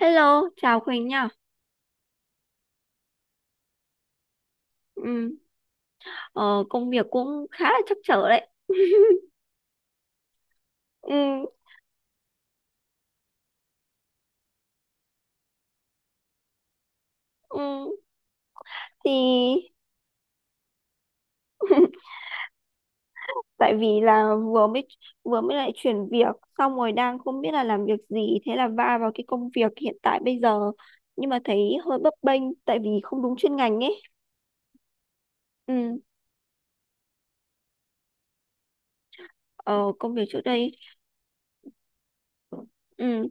Hello, chào Quỳnh nha. Ừ, Công việc cũng khá là trắc trở đấy. ừ, ừ, thì Tại vì là vừa mới lại chuyển việc xong rồi đang không biết là làm việc gì, thế là va vào cái công việc hiện tại bây giờ, nhưng mà thấy hơi bấp bênh tại vì không đúng chuyên ngành ấy. Ừ, ờ, Công việc trước đây ừ,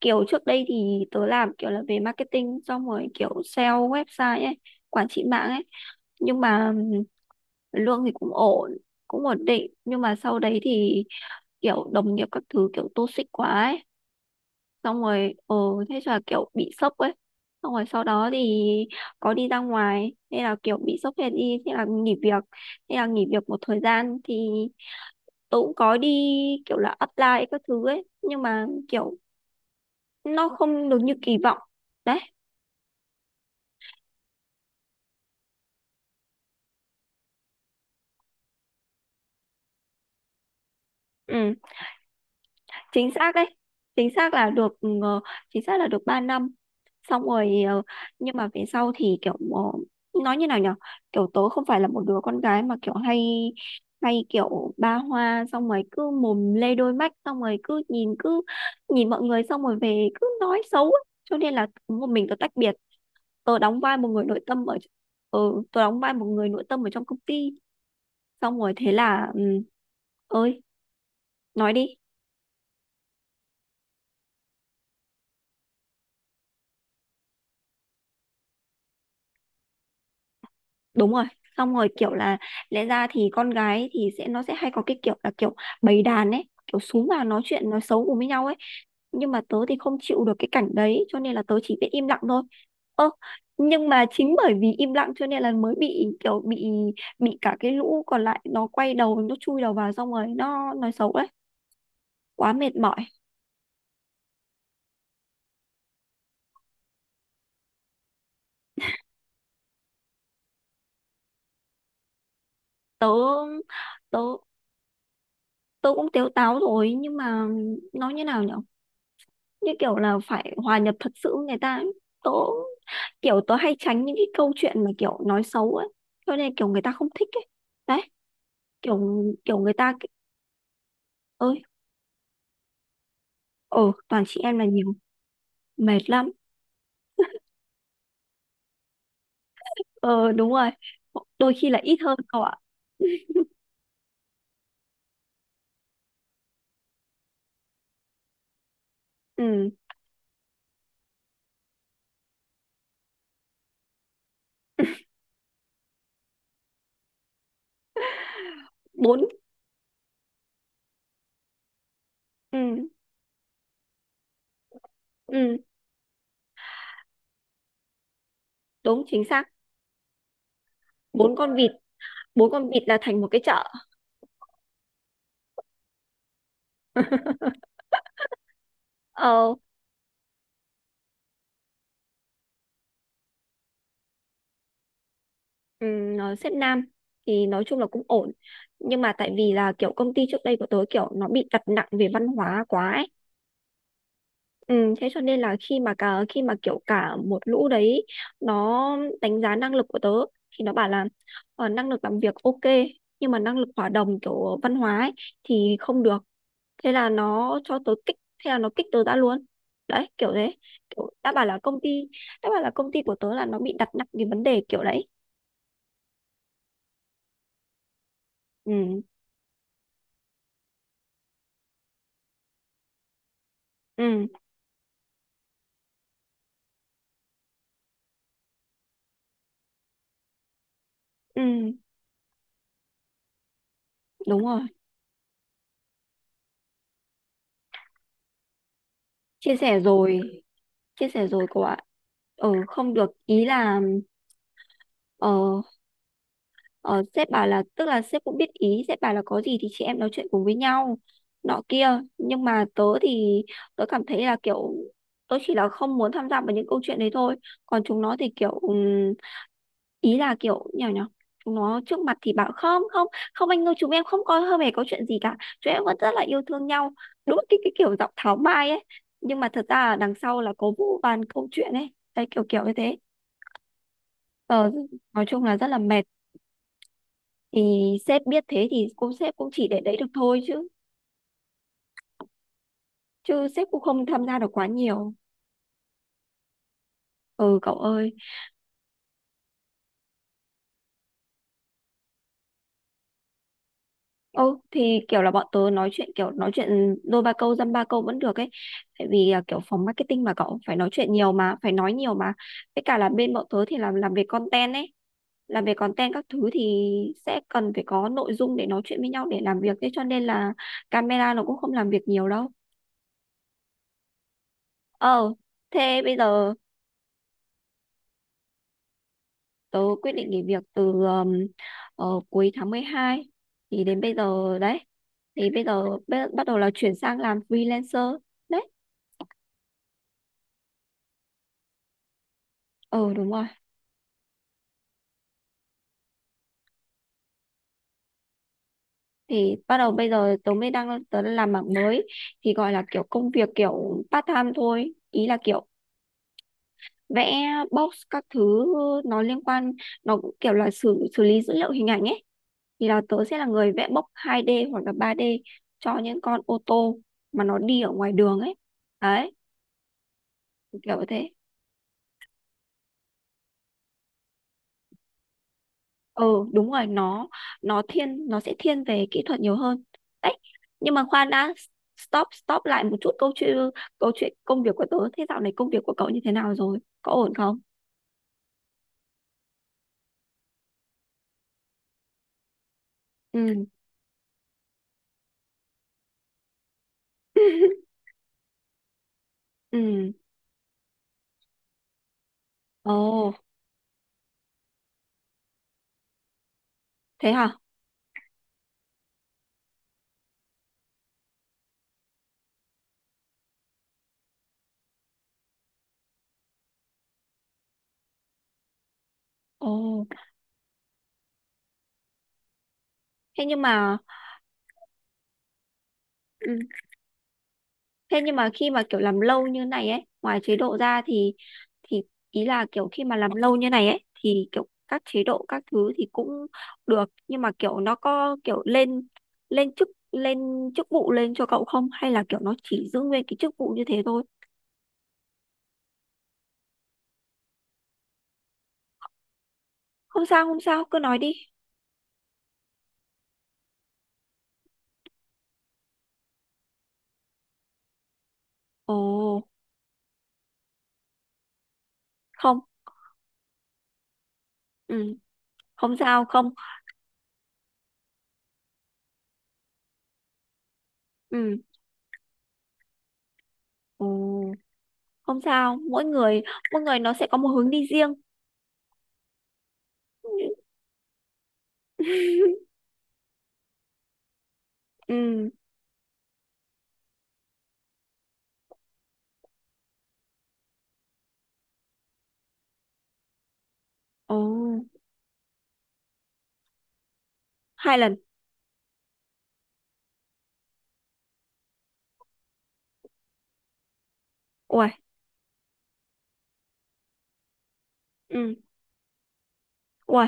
kiểu trước đây thì tớ làm kiểu là về marketing, xong rồi kiểu sale website ấy, quản trị mạng ấy, nhưng mà lương thì cũng ổn, cũng ổn định. Nhưng mà sau đấy thì kiểu đồng nghiệp các thứ kiểu toxic quá ấy, xong rồi thế là kiểu bị sốc ấy, xong rồi sau đó thì có đi ra ngoài nên là kiểu bị sốc thế đi, thế là nghỉ việc. Thế là nghỉ việc một thời gian thì tôi cũng có đi kiểu là apply các thứ ấy, nhưng mà kiểu nó không được như kỳ vọng đấy. Ừ, chính xác đấy. Chính xác là được chính xác là được 3 năm, xong rồi nhưng mà về sau thì kiểu nói như nào nhở, kiểu tớ không phải là một đứa con gái mà kiểu hay hay kiểu ba hoa, xong rồi cứ mồm lê đôi mắt, xong rồi cứ nhìn mọi người xong rồi về cứ nói xấu ấy. Cho nên là một mình tớ tách biệt. Tớ đóng vai một người nội tâm ở Ừ, tớ đóng vai một người nội tâm ở trong công ty, xong rồi thế là ừ, ơi nói đi. Đúng rồi, xong rồi kiểu là lẽ ra thì con gái thì sẽ nó sẽ hay có cái kiểu là kiểu bầy đàn ấy, kiểu xuống vào nói chuyện nói xấu cùng với nhau ấy, nhưng mà tớ thì không chịu được cái cảnh đấy, cho nên là tớ chỉ biết im lặng thôi. Ơ, nhưng mà chính bởi vì im lặng cho nên là mới bị kiểu bị cả cái lũ còn lại nó quay đầu nó chui đầu vào xong rồi nó nói xấu đấy. Quá mệt mỏi. Tớ tớ Tớ cũng tếu táo rồi, nhưng mà nói như nào nhở, như kiểu là phải hòa nhập thật sự với người ta ấy. tớ Kiểu tớ hay tránh những cái câu chuyện mà kiểu nói xấu ấy, cho nên kiểu người ta không thích ấy đấy. Kiểu kiểu người ta ki- ơi, ừ toàn chị em là nhiều, mệt lắm. Ờ, đúng rồi, đôi khi là ít hơn cậu ạ. Ừ, bốn, ừ, ừ, đúng chính xác. Bốn con vịt, bốn con vịt là thành một cái chợ. Ờ, ừm, nó xếp nam thì nói chung là cũng ổn, nhưng mà tại vì là kiểu công ty trước đây của tớ kiểu nó bị đặt nặng về văn hóa quá ấy. Thế cho nên là khi mà cả khi mà kiểu cả một lũ đấy nó đánh giá năng lực của tớ thì nó bảo là ờ, năng lực làm việc ok, nhưng mà năng lực hòa đồng kiểu văn hóa ấy, thì không được. thế là nó cho tớ kích Thế là nó kích tớ ra luôn, đấy kiểu thế. Kiểu đã bảo là công ty Đã bảo là công ty của tớ là nó bị đặt nặng cái vấn đề kiểu đấy. Ừ, ừ, ừ, đúng rồi. Chia sẻ rồi, chia sẻ rồi cô ạ. Ừ không được ý là ờ. Ờ, sếp bảo là, tức là sếp cũng biết ý, sếp bảo là có gì thì chị em nói chuyện cùng với nhau nọ kia. Nhưng mà tớ cảm thấy là kiểu tớ chỉ là không muốn tham gia vào những câu chuyện đấy thôi. Còn chúng nó thì kiểu ý là kiểu nhỏ nhỏ, chúng nó trước mặt thì bảo không không không anh ơi chúng em không có hơi hề có chuyện gì cả, chúng em vẫn rất là yêu thương nhau, đúng cái kiểu giọng tháo mai ấy. Nhưng mà thật ra là đằng sau là có vô vàn câu chuyện ấy đấy kiểu kiểu như thế. Ờ, nói chung là rất là mệt. Thì sếp biết thế thì cô sếp cũng chỉ để đấy được thôi, chứ chứ sếp cũng không tham gia được quá nhiều. Ừ cậu ơi, ô thì kiểu là bọn tớ nói chuyện, kiểu nói chuyện đôi ba câu dăm ba câu vẫn được ấy, tại vì à, kiểu phòng marketing mà cậu, phải nói chuyện nhiều mà, phải nói nhiều mà. Với cả là bên bọn tớ thì làm về content ấy, làm về content các thứ thì sẽ cần phải có nội dung để nói chuyện với nhau để làm việc, thế cho nên là camera nó cũng không làm việc nhiều đâu. Ờ, thế bây giờ tớ quyết định nghỉ việc từ cuối tháng mười hai, thì đến bây giờ đấy, thì bây giờ bắt đầu là chuyển sang làm freelancer đấy. Ừ đúng rồi, thì bắt đầu bây giờ tớ mới đang tớ đang làm mảng mới, thì gọi là kiểu công việc kiểu part time thôi, ý là kiểu vẽ box các thứ. Nó liên quan, nó cũng kiểu là xử xử lý dữ liệu hình ảnh ấy, thì là tớ sẽ là người vẽ box 2D hoặc là 3D cho những con ô tô mà nó đi ở ngoài đường ấy đấy kiểu thế. Ừ đúng rồi, nó sẽ thiên về kỹ thuật nhiều hơn đấy. Nhưng mà khoan đã, stop stop lại một chút câu chuyện, câu chuyện công việc của tớ. Thế dạo này công việc của cậu như thế nào rồi, có ổn không? Ừ ừ, ồ thế hả, ồ thế nhưng mà ừ. Thế nhưng mà khi mà kiểu làm lâu như này ấy, ngoài chế độ ra thì ý là kiểu khi mà làm lâu như này ấy thì kiểu các chế độ các thứ thì cũng được, nhưng mà kiểu nó có kiểu lên lên chức vụ lên cho cậu không, hay là kiểu nó chỉ giữ nguyên cái chức vụ như thế thôi? Không sao, không sao, cứ nói đi. Ồ, không, ừ, không sao, không, ừ, ồ, không sao, mỗi người nó sẽ có một hướng đi riêng. Ừ, ồ, hai lần, ui, ừ, ui.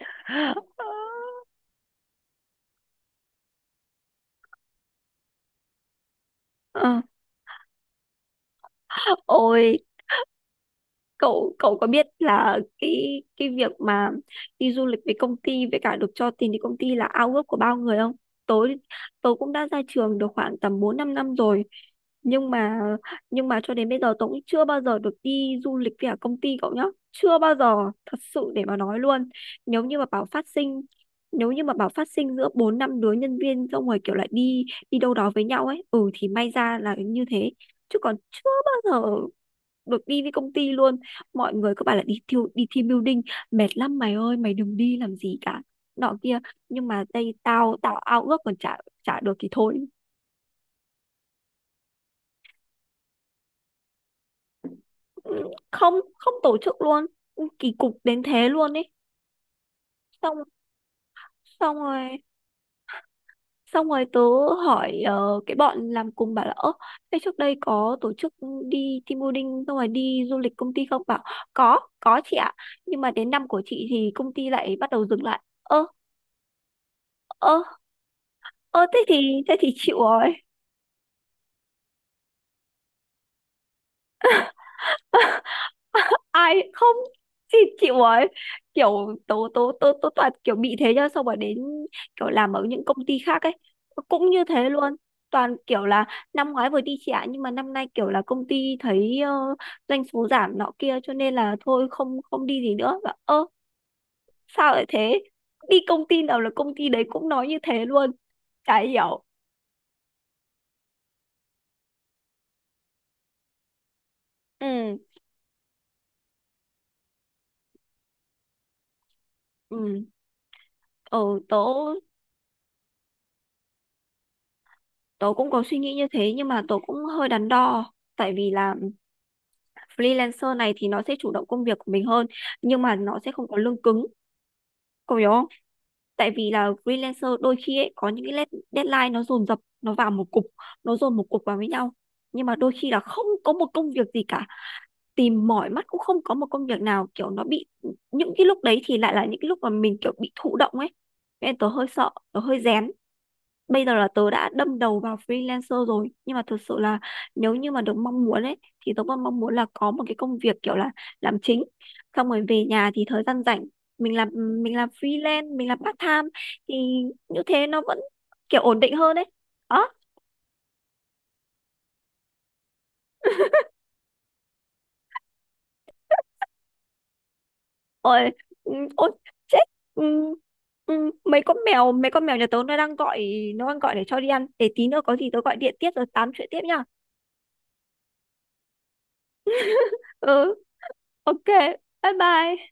Ờ, ôi, cậu cậu có biết là cái việc mà đi du lịch với công ty, với cả được cho tiền đi công ty là ao ước của bao người không? Tớ Tớ cũng đã ra trường được khoảng tầm bốn năm năm rồi, nhưng mà nhưng mà cho đến bây giờ tớ cũng chưa bao giờ được đi du lịch với cả công ty cậu nhá, chưa bao giờ, thật sự để mà nói luôn. nếu như mà bảo phát sinh Nếu như mà bảo phát sinh giữa bốn năm đứa nhân viên xong rồi kiểu lại đi đi đâu đó với nhau ấy ừ thì may ra là như thế, chứ còn chưa bao giờ được đi với công ty luôn. Mọi người cứ bảo là đi thiêu đi team building mệt lắm mày ơi, mày đừng đi làm gì cả nọ kia, nhưng mà đây tao tao ao ước còn chả chả được thì thôi. Ừ, không không tổ chức luôn, kỳ cục đến thế luôn ấy. Xong xong rồi Xong rồi tớ hỏi ờ, cái bọn làm cùng bảo là ơ thế trước đây có tổ chức đi team building xong rồi đi du lịch công ty không, bảo có chị ạ, nhưng mà đến năm của chị thì công ty lại bắt đầu dừng lại. Ơ ơ Ơ thế thì chịu rồi. Ai không, chị chịu ấy. Kiểu tố tố tố tố toàn kiểu bị thế nhá, xong rồi đến kiểu làm ở những công ty khác ấy cũng như thế luôn. Toàn kiểu là năm ngoái vừa đi trả, nhưng mà năm nay kiểu là công ty thấy ờ, doanh số giảm nọ kia cho nên là thôi không không đi gì nữa và ơ sao lại thế, đi công ty nào là công ty đấy cũng nói như thế luôn, chả hiểu. Ừ. Ừ, ờ, tớ tớ cũng có suy nghĩ như thế, nhưng mà tớ cũng hơi đắn đo tại vì là freelancer này thì nó sẽ chủ động công việc của mình hơn, nhưng mà nó sẽ không có lương cứng, cậu hiểu không? Tại vì là freelancer đôi khi ấy, có những cái lết- deadline nó dồn dập nó vào một cục, nó dồn một cục vào với nhau, nhưng mà đôi khi là không có một công việc gì cả, tìm mỏi mắt cũng không có một công việc nào, kiểu nó bị, những cái lúc đấy thì lại là những cái lúc mà mình kiểu bị thụ động ấy. Nên tớ hơi sợ, tớ hơi rén. Bây giờ là tớ đã đâm đầu vào freelancer rồi, nhưng mà thực sự là nếu như mà được mong muốn ấy thì tớ còn mong muốn là có một cái công việc kiểu là làm chính, xong rồi về nhà thì thời gian rảnh mình làm mình làm freelance, mình làm part time, thì như thế nó vẫn kiểu ổn định hơn đấy đó. Ôi, ừ, ôi chết. Ừ, ừ, mấy con mèo nhà tớ nó đang gọi, nó đang gọi để cho đi ăn, để tí nữa có gì tớ gọi điện tiếp rồi tám chuyện tiếp nha. Ừ ok, bye bye.